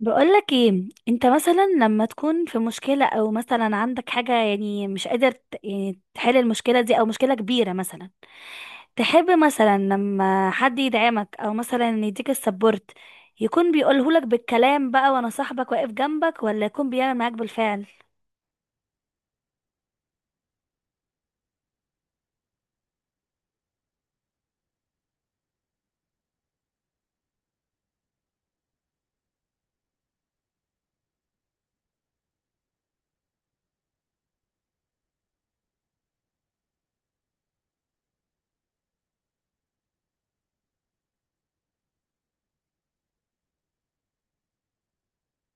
بقولك ايه، انت مثلا لما تكون في مشكلة، او مثلا عندك حاجة يعني مش قادر يعني تحل المشكلة دي، او مشكلة كبيرة مثلا. تحب مثلا لما حد يدعمك، او مثلا يديك السبورت، يكون بيقولهولك بالكلام بقى وانا صاحبك واقف جنبك، ولا يكون بيعمل معاك بالفعل؟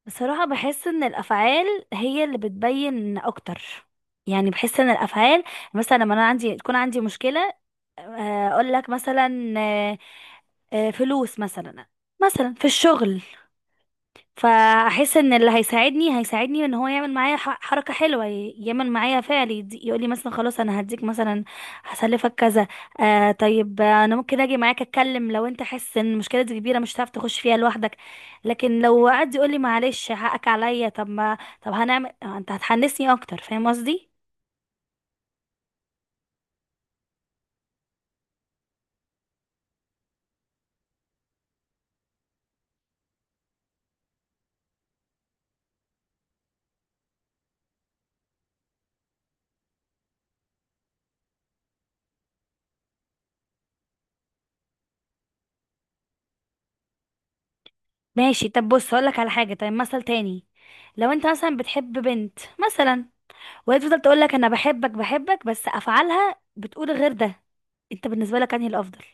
بصراحة بحس ان الافعال هي اللي بتبين اكتر. يعني بحس ان الافعال، مثلا لما انا تكون عندي مشكله، اقول لك مثلا، فلوس مثلا، مثلا في الشغل، فاحس ان اللي هيساعدني هيساعدني ان هو يعمل معايا حركه حلوه، يعمل معايا فعل، يقول لي مثلا خلاص انا هديك مثلا، هسلفك كذا. طيب، انا ممكن اجي معاك اتكلم لو انت حاسس ان المشكله دي كبيره مش هتعرف تخش فيها لوحدك. لكن لو قعد يقول لي معلش حقك عليا، طب ما طب هنعمل، انت هتحنسني اكتر، فاهم قصدي؟ ماشي، طب بص هقولك على حاجة. طيب مثل تاني، لو انت مثلا بتحب بنت مثلا، وهي تفضل تقولك انا بحبك بحبك، بس افعالها بتقول غير ده، انت بالنسبة لك انهي الافضل؟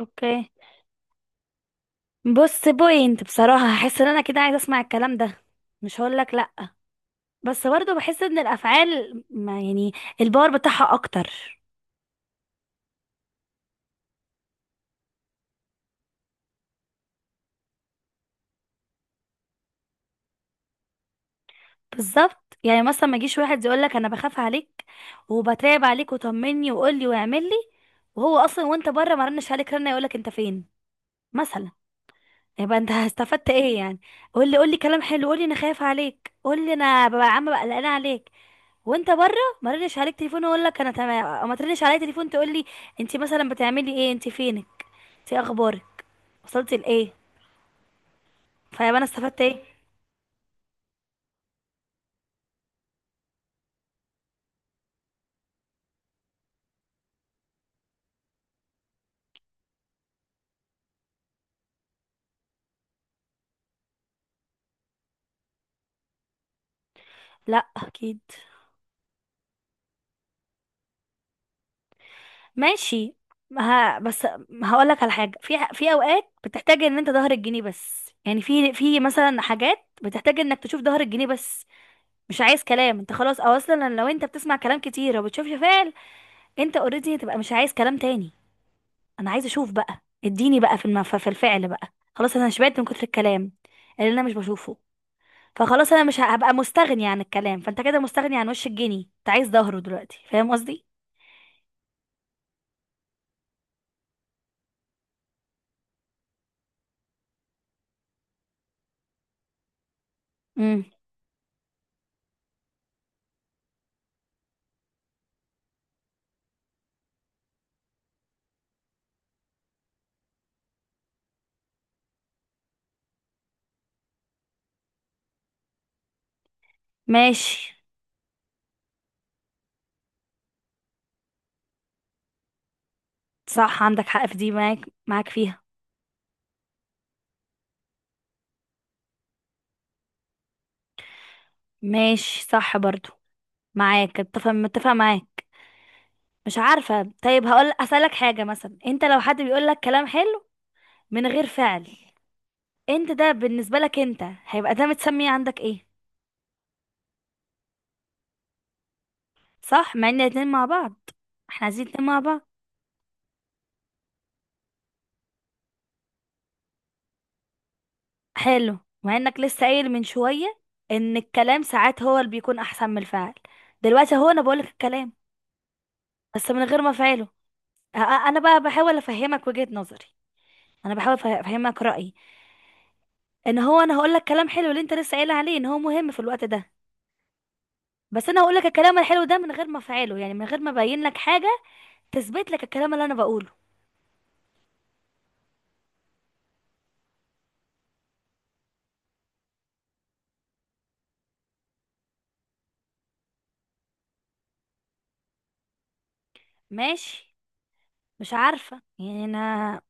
اوكي، بص بوينت، بصراحة هحس ان انا كده عايزة اسمع الكلام ده، مش هقولك لأ، بس برضو بحس ان الافعال ما يعني الباور بتاعها اكتر. بالظبط، يعني مثلا ما يجيش واحد يقولك انا بخاف عليك وبتراقب عليك، وطمني وقولي واعملي، وهو اصلا وانت بره ما رنش عليك رنه يقولك انت فين، مثلا. يبقى انت استفدت ايه يعني؟ قول لي قول لي كلام حلو، قول لي انا خايف عليك، قول لي انا ببقى عامه بقى قلقانه عليك وانت بره، ما ردش عليك تليفون، واقول لك انا تمام، او ما تردش عليا تليفون تقول لي انت مثلا بتعملي ايه، انت فينك، انت إيه اخبارك، وصلتي لايه. فيبقى انا استفدت ايه؟ لا اكيد. ماشي، ها بس هقول لك على حاجه. في اوقات بتحتاج ان انت ظهر الجنيه بس، يعني في مثلا حاجات بتحتاج انك تشوف ظهر الجنيه بس، مش عايز كلام انت، خلاص. او اصلا لو انت بتسمع كلام كتير وبتشوفش فعل، انت اوريدي هتبقى مش عايز كلام تاني. انا عايز اشوف بقى، اديني بقى في الفعل بقى. خلاص انا شبعت من كتر الكلام اللي انا مش بشوفه. فخلاص انا مش هبقى مستغني عن الكلام، فانت كده مستغني عن وش الجني، انت عايز ظهره دلوقتي، فاهم قصدي؟ امم. ماشي. صح عندك حق في دي، معاك فيها. ماشي صح برضو، معاك، متفق معاك. مش عارفة، طيب أسألك حاجة. مثلا انت لو حد بيقول لك كلام حلو من غير فعل، انت ده بالنسبة لك، انت هيبقى ده متسمي عندك ايه؟ صح، مع ان الاتنين مع بعض، احنا عايزين اتنين مع بعض. حلو، مع انك لسه قايل من شوية ان الكلام ساعات هو اللي بيكون احسن من الفعل. دلوقتي هو انا بقولك الكلام بس من غير ما افعله. اه اه، انا بقى بحاول افهمك وجهة نظري، انا بحاول افهمك رأيي، ان هو انا هقولك كلام حلو اللي انت لسه قايل عليه ان هو مهم في الوقت ده، بس انا هقولك الكلام الحلو ده من غير ما افعله، يعني من غير ما ابين لك حاجة تثبت لك الكلام اللي انا بقوله. ماشي، مش عارفة يعني انا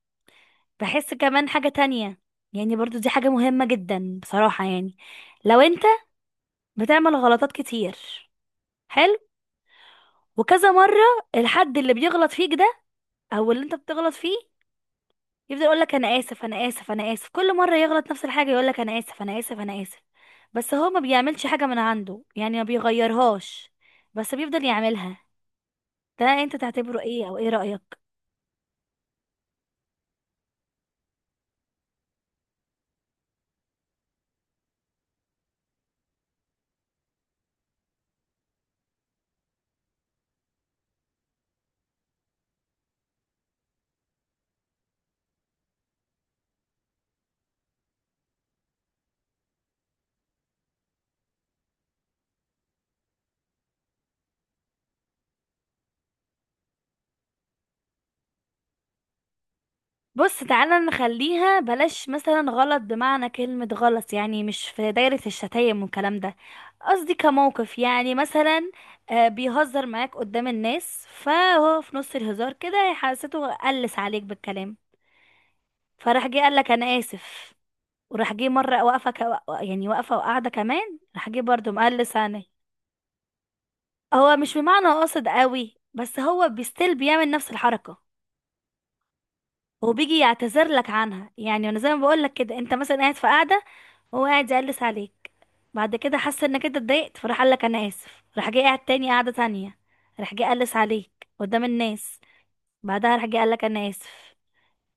بحس كمان حاجة تانية، يعني برضو دي حاجة مهمة جدا بصراحة. يعني لو انت بتعمل غلطات كتير، حلو، وكذا مرة، الحد اللي بيغلط فيك ده او اللي انت بتغلط فيه، يفضل يقولك انا اسف، انا اسف، انا اسف، كل مرة يغلط نفس الحاجة يقولك انا اسف، انا اسف، انا اسف، بس هو ما بيعملش حاجة من عنده، يعني ما بيغيرهاش، بس بيفضل يعملها، ده انت تعتبره ايه او ايه رأيك؟ بص تعالى نخليها بلاش مثلا غلط بمعنى كلمة غلط، يعني مش في دايرة الشتايم والكلام ده. قصدي كموقف، يعني مثلا بيهزر معاك قدام الناس، فهو في نص الهزار كده حسيته قلس عليك بالكلام، فراح جه قال لك انا اسف، وراح جه مره واقفه يعني واقفه وقاعده كمان، راح جه برضه مقلس عليك. هو مش بمعنى قاصد قوي، بس هو بيستيل بيعمل نفس الحركه، هو بيجي يعتذر لك عنها. يعني انا زي ما بقول لك كده، انت مثلا قاعد في قاعده، هو قاعد يقلس عليك، بعد كده حس انك انت اتضايقت، فراح قال لك انا اسف، راح جاي قاعد تاني قاعده تانية، راح جاي قلس عليك قدام الناس، بعدها راح جاي قال لك انا اسف.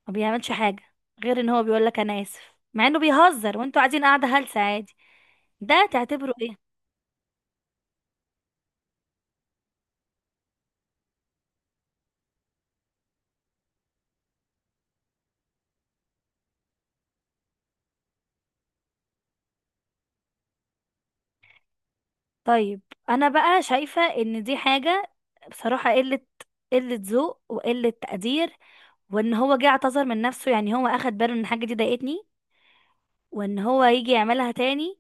ما بيعملش حاجه غير ان هو بيقول لك انا اسف، مع انه بيهزر وانتوا قاعدين قاعده هلسه عادي. ده تعتبره ايه؟ طيب انا بقى شايفه ان دي حاجه بصراحه قله ذوق وقله تقدير، وان هو جه اعتذر من نفسه يعني هو اخد باله ان الحاجه دي ضايقتني، وان هو يجي يعملها تاني.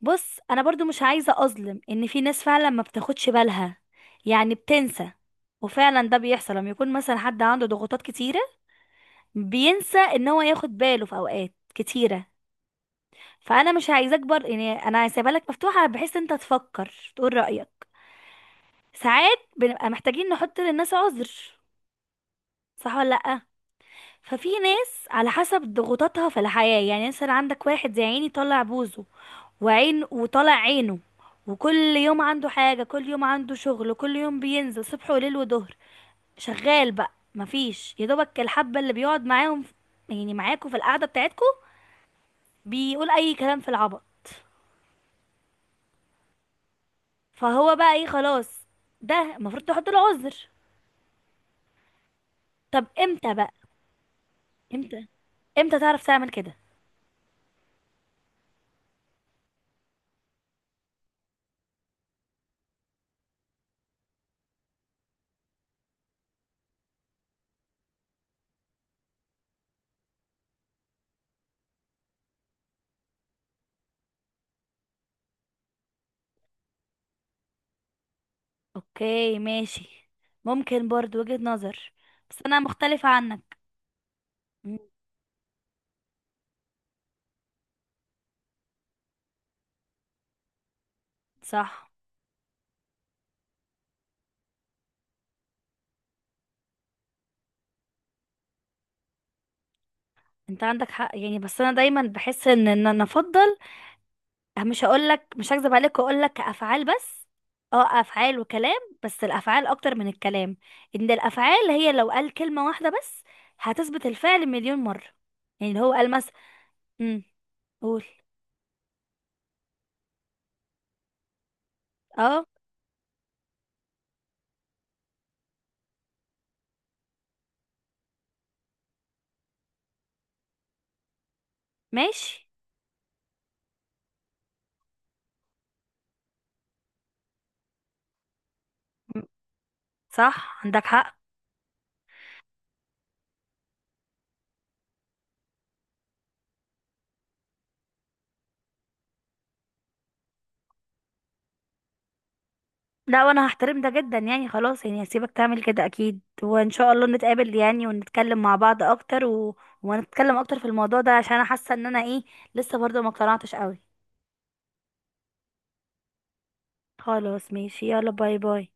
بص انا برضو مش عايزه اظلم، ان في ناس فعلا ما بتاخدش بالها، يعني بتنسى، وفعلا ده بيحصل لما يكون مثلا حد عنده ضغوطات كتيره، بينسى ان هو ياخد باله في اوقات كتيره. فانا مش عايزه اكبر، يعني انا سايبه لك مفتوحه بحيث انت تفكر تقول رايك. ساعات بنبقى محتاجين نحط للناس عذر، صح ولا لا؟ ففي ناس على حسب ضغوطاتها في الحياة، يعني مثلا عندك واحد زي عيني طالع بوزه وعين وطالع عينه، وكل يوم عنده حاجة، كل يوم عنده شغل، كل يوم بينزل صبح وليل وظهر، شغال بقى مفيش يا دوبك الحبة اللي بيقعد معاهم، يعني معاكوا في القعدة بتاعتكوا، بيقول أي كلام في العبط. فهو بقى ايه، خلاص، ده المفروض تحط له عذر. طب امتى بقى؟ امتى، امتى تعرف تعمل كده؟ اوكي ماشي، ممكن برضو وجهة نظر، بس انا مختلفة عنك. مم، صح، انت عندك حق يعني، بس انا دايما بحس ان انا افضل، مش هكذب عليك واقولك كافعال بس، اه افعال وكلام، بس الافعال اكتر من الكلام. ان الافعال هي لو قال كلمة واحدة بس، هتثبت الفعل مليون مرة. يعني اللي هو قال مثلا. امم. قول. اه ماشي. مم، صح عندك حق. لا، وانا هحترم ده جدا يعني خلاص، يعني هسيبك تعمل كده اكيد، وان شاء الله نتقابل يعني ونتكلم مع بعض اكتر ونتكلم اكتر في الموضوع ده، عشان انا حاسه ان انا ايه، لسه برضه ما اقتنعتش قوي. خلاص ماشي، يلا باي باي.